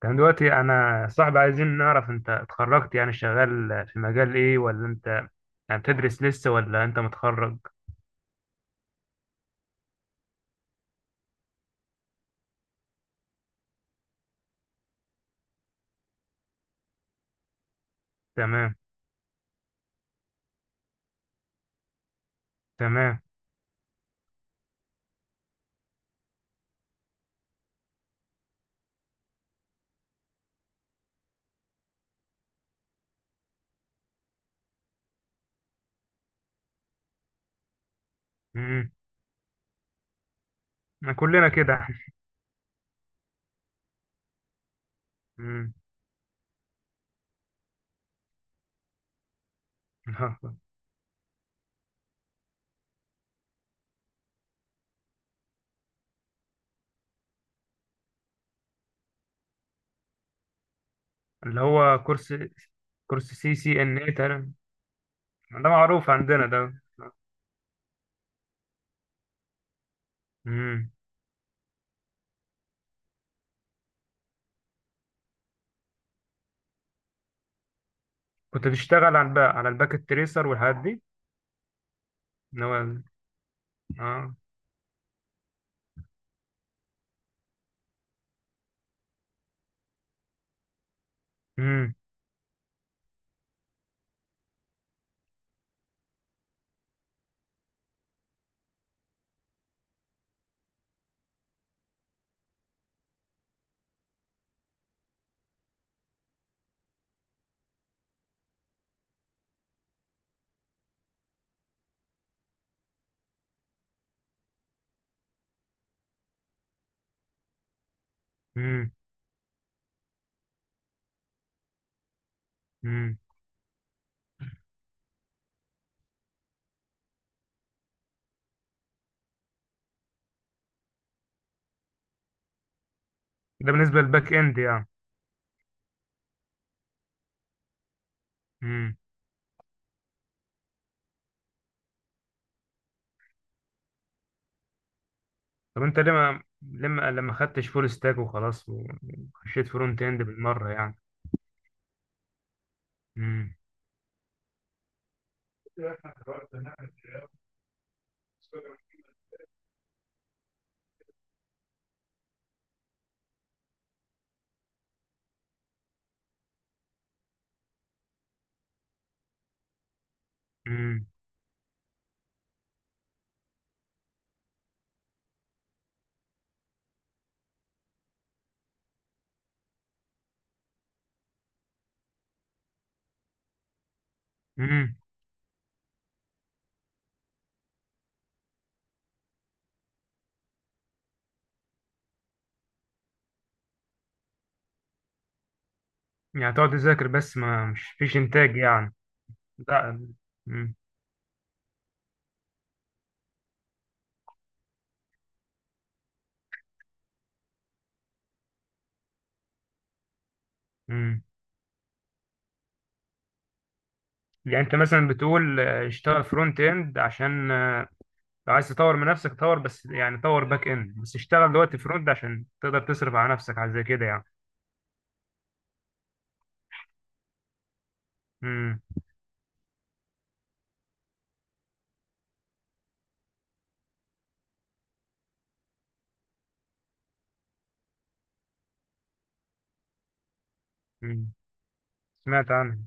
كان دلوقتي انا صاحبي عايزين نعرف انت اتخرجت يعني شغال في مجال ايه ولا انت يعني بتدرس لسه ولا انت متخرج؟ تمام، تمام. امم. كلنا كده. امم. اللي هو كورس سي سي ان اي تقريبا. ده معروف عندنا ده. امم. كنت بتشتغل على الباكت تريسر والحاجات دي؟ اللي هو ال- اه. امم. امم. امم. ده بالنسبة للباك اند يعني. طب انت ليه ما لما خدتش فول ستاك وخلاص وخشيت فرونت اند بالمره يعني؟ امم. امم. امم. يعني تقعد تذاكر بس ما مش فيش انتاج يعني. لا. امم. امم. يعني انت مثلا بتقول، اشتغل فرونت اند، عشان لو عايز تطور من نفسك، طور بس يعني، طور باك اند بس، اشتغل دلوقتي فرونت عشان تقدر تصرف على نفسك، على زي كده يعني. امم. امم. سمعت عنها.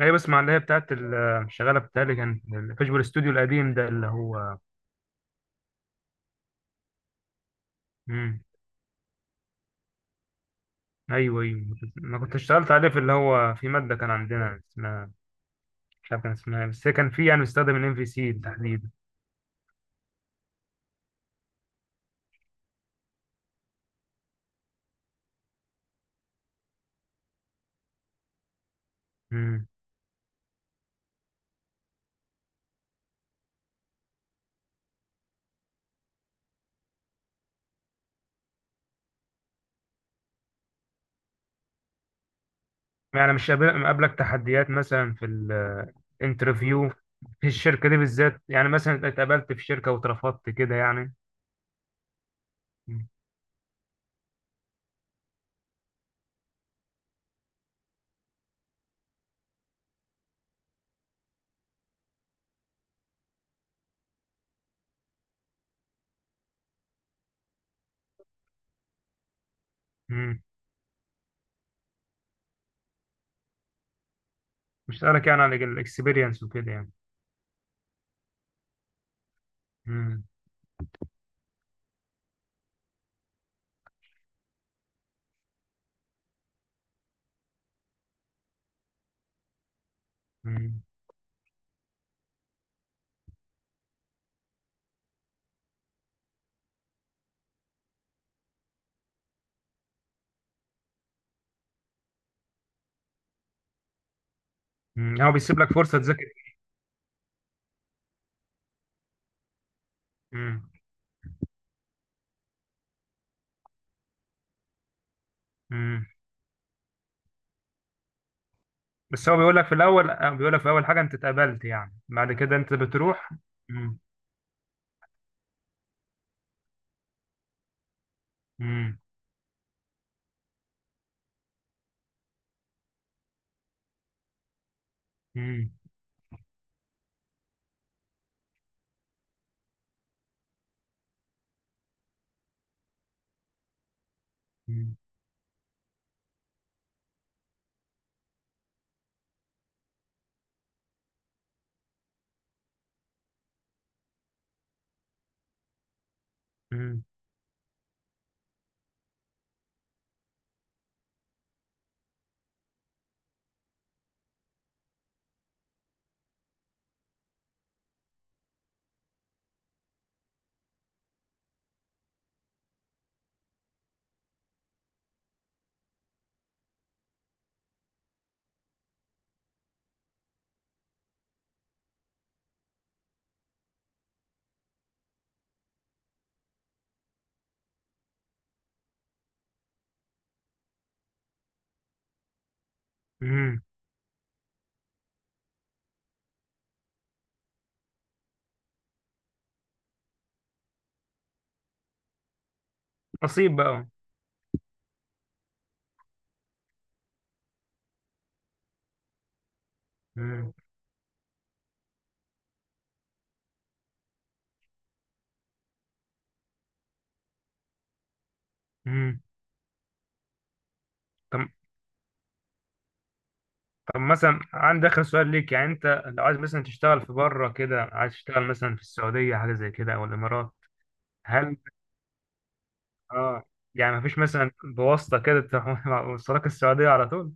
ايوه، بسمع، اللي هي بتاعت ال- شغاله بتاعي كان الفيجوال استوديو القديم ده اللي هو. امم. ايوه، ايوه. انا كنت اشتغلت عليه في اللي هو، في ماده كان عندنا اسمها، مش عارف كان اسمها إيه، بس هي كان في، يعني بيستخدم الام في سي تحديدا. امم. يعني مش مقابلك تحديات مثلا في الانترفيو في الشركه دي بالذات؟ يعني مثلا اتقابلت في شركه واترفضت كده يعني؟ امم. مش سألك يعني عن الاكسبيرينس وكده يعني؟ امم. امم. هو بيسيب لك فرصه تذاكر؟ امم. بس هو بيقول لك في الاول، بيقول لك في اول حاجه انت اتقبلت يعني، بعد كده انت بتروح. مم. مم. مم. مم. مم. مم. نصيب بقى. مم. مم. طب طب مثلا عندي اخر سؤال ليك، يعني انت لو عايز مثلا تشتغل في بره كده، عايز تشتغل مثلا في السعوديه حاجه زي كده او الامارات؟ هل اه يعني مفيش مثلا بواسطه كده تروح وصلك السعوديه على طول؟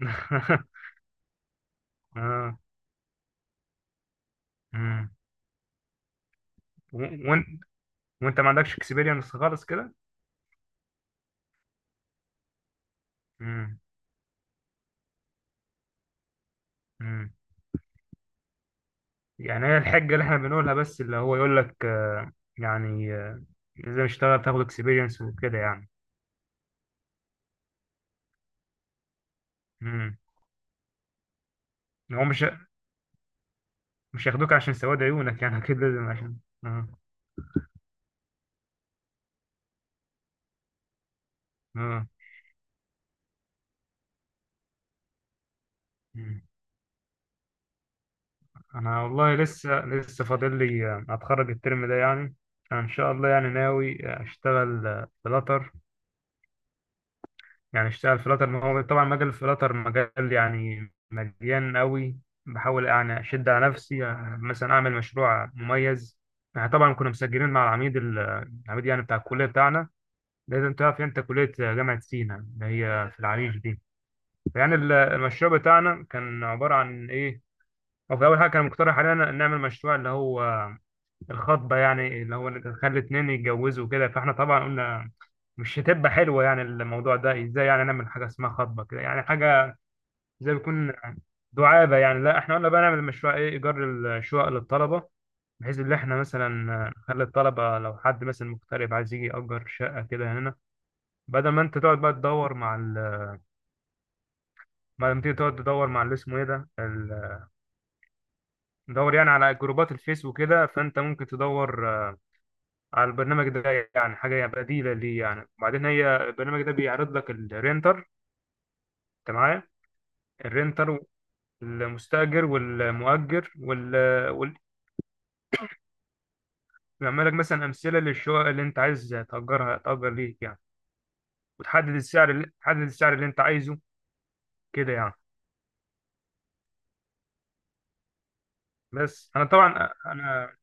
اه. مم. و- وانت وانت ما عندكش اكسبيرينس خالص كده؟ مم. مم. يعني هي الحجة اللي احنا بنقولها، بس اللي هو يقول لك يعني، لازم اشتغل تاخد اكسبيرينس وكده يعني. امم. هو مش هياخدوك عشان سواد عيونك، يعني اكيد لازم عشان اه اه. مم. انا والله لسه لسه فاضل لي اتخرج الترم ده يعني. انا ان شاء الله يعني ناوي اشتغل بلاتر. يعني اشتغل فلاتر، ما هو طبعا مجال الفلاتر مجال يعني مليان قوي. بحاول يعني اشد على نفسي، مثلا اعمل مشروع مميز. يعني طبعا كنا مسجلين مع العميد ال- العميد يعني بتاع الكليه بتاعنا. لازم تعرف انت كليه جامعه سينا، اللي هي في العريش دي. فيعني ال- المشروع بتاعنا كان عباره عن ايه؟ هو في اول حاجه كان مقترح علينا نعمل مشروع اللي هو الخطبة، يعني اللي هو نخلي اتنين يتجوزوا كده. فاحنا طبعا قلنا مش هتبقى حلوة يعني الموضوع ده، ازاي يعني نعمل حاجة اسمها خطبة كده، يعني حاجة زي بيكون دعابة يعني. لا احنا قلنا بقى نعمل مشروع، ايه، ايجار الشقق للطلبة. بحيث ان احنا مثلا نخلي الطلبة، لو حد مثلا مغترب عايز يجي يأجر شقة كده هنا، بدل ما انت تقعد بقى تدور مع ال... بدل ما تيجي تقعد تدور مع اللي اسمه ايه ده، ال... تدور يعني على جروبات الفيس وكده، فانت ممكن تدور على البرنامج ده، يعني حاجة بديلة ليه يعني. وبعدين هي البرنامج ده بيعرض لك الرينتر، انت معايا؟ الرينتر والمستأجر والمؤجر وال بيعمل لك مثلا أمثلة للشقق اللي انت عايز تأجرها، تأجر ليك يعني. وتحدد السعر اللي، انت عايزه، كده يعني. بس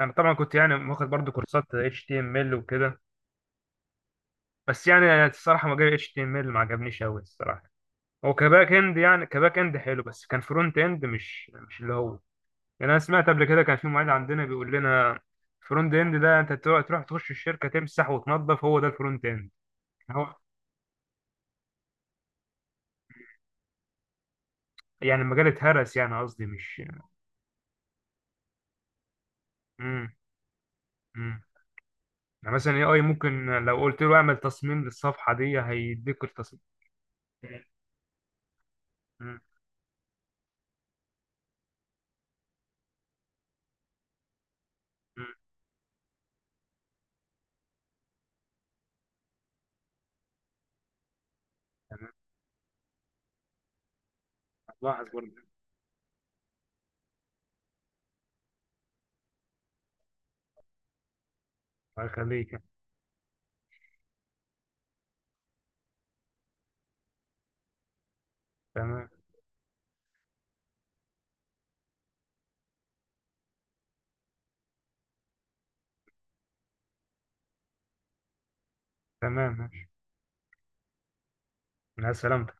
انا طبعا كنت يعني واخد برضو كورسات HTML وكده. بس يعني الصراحة، مجال HTML ما عجبنيش أوي الصراحة. هو كباك اند يعني، كباك اند حلو، بس كان فرونت اند مش اللي هو. يعني انا سمعت قبل كده كان في معيد عندنا بيقول لنا: فرونت اند ده انت تروح تخش الشركه تمسح وتنظف، هو ده الفرونت اند. هو يعني المجال اتهرس، يعني قصدي مش. امم. امم. يعني مثلا اي ممكن لو قلت له اعمل تصميم للصفحه دي، هيديك التصميم. امم. امم. تمام. هتلاحظ برضه. الله يخليك. تمام. تمام ماشي. مع السلامتك.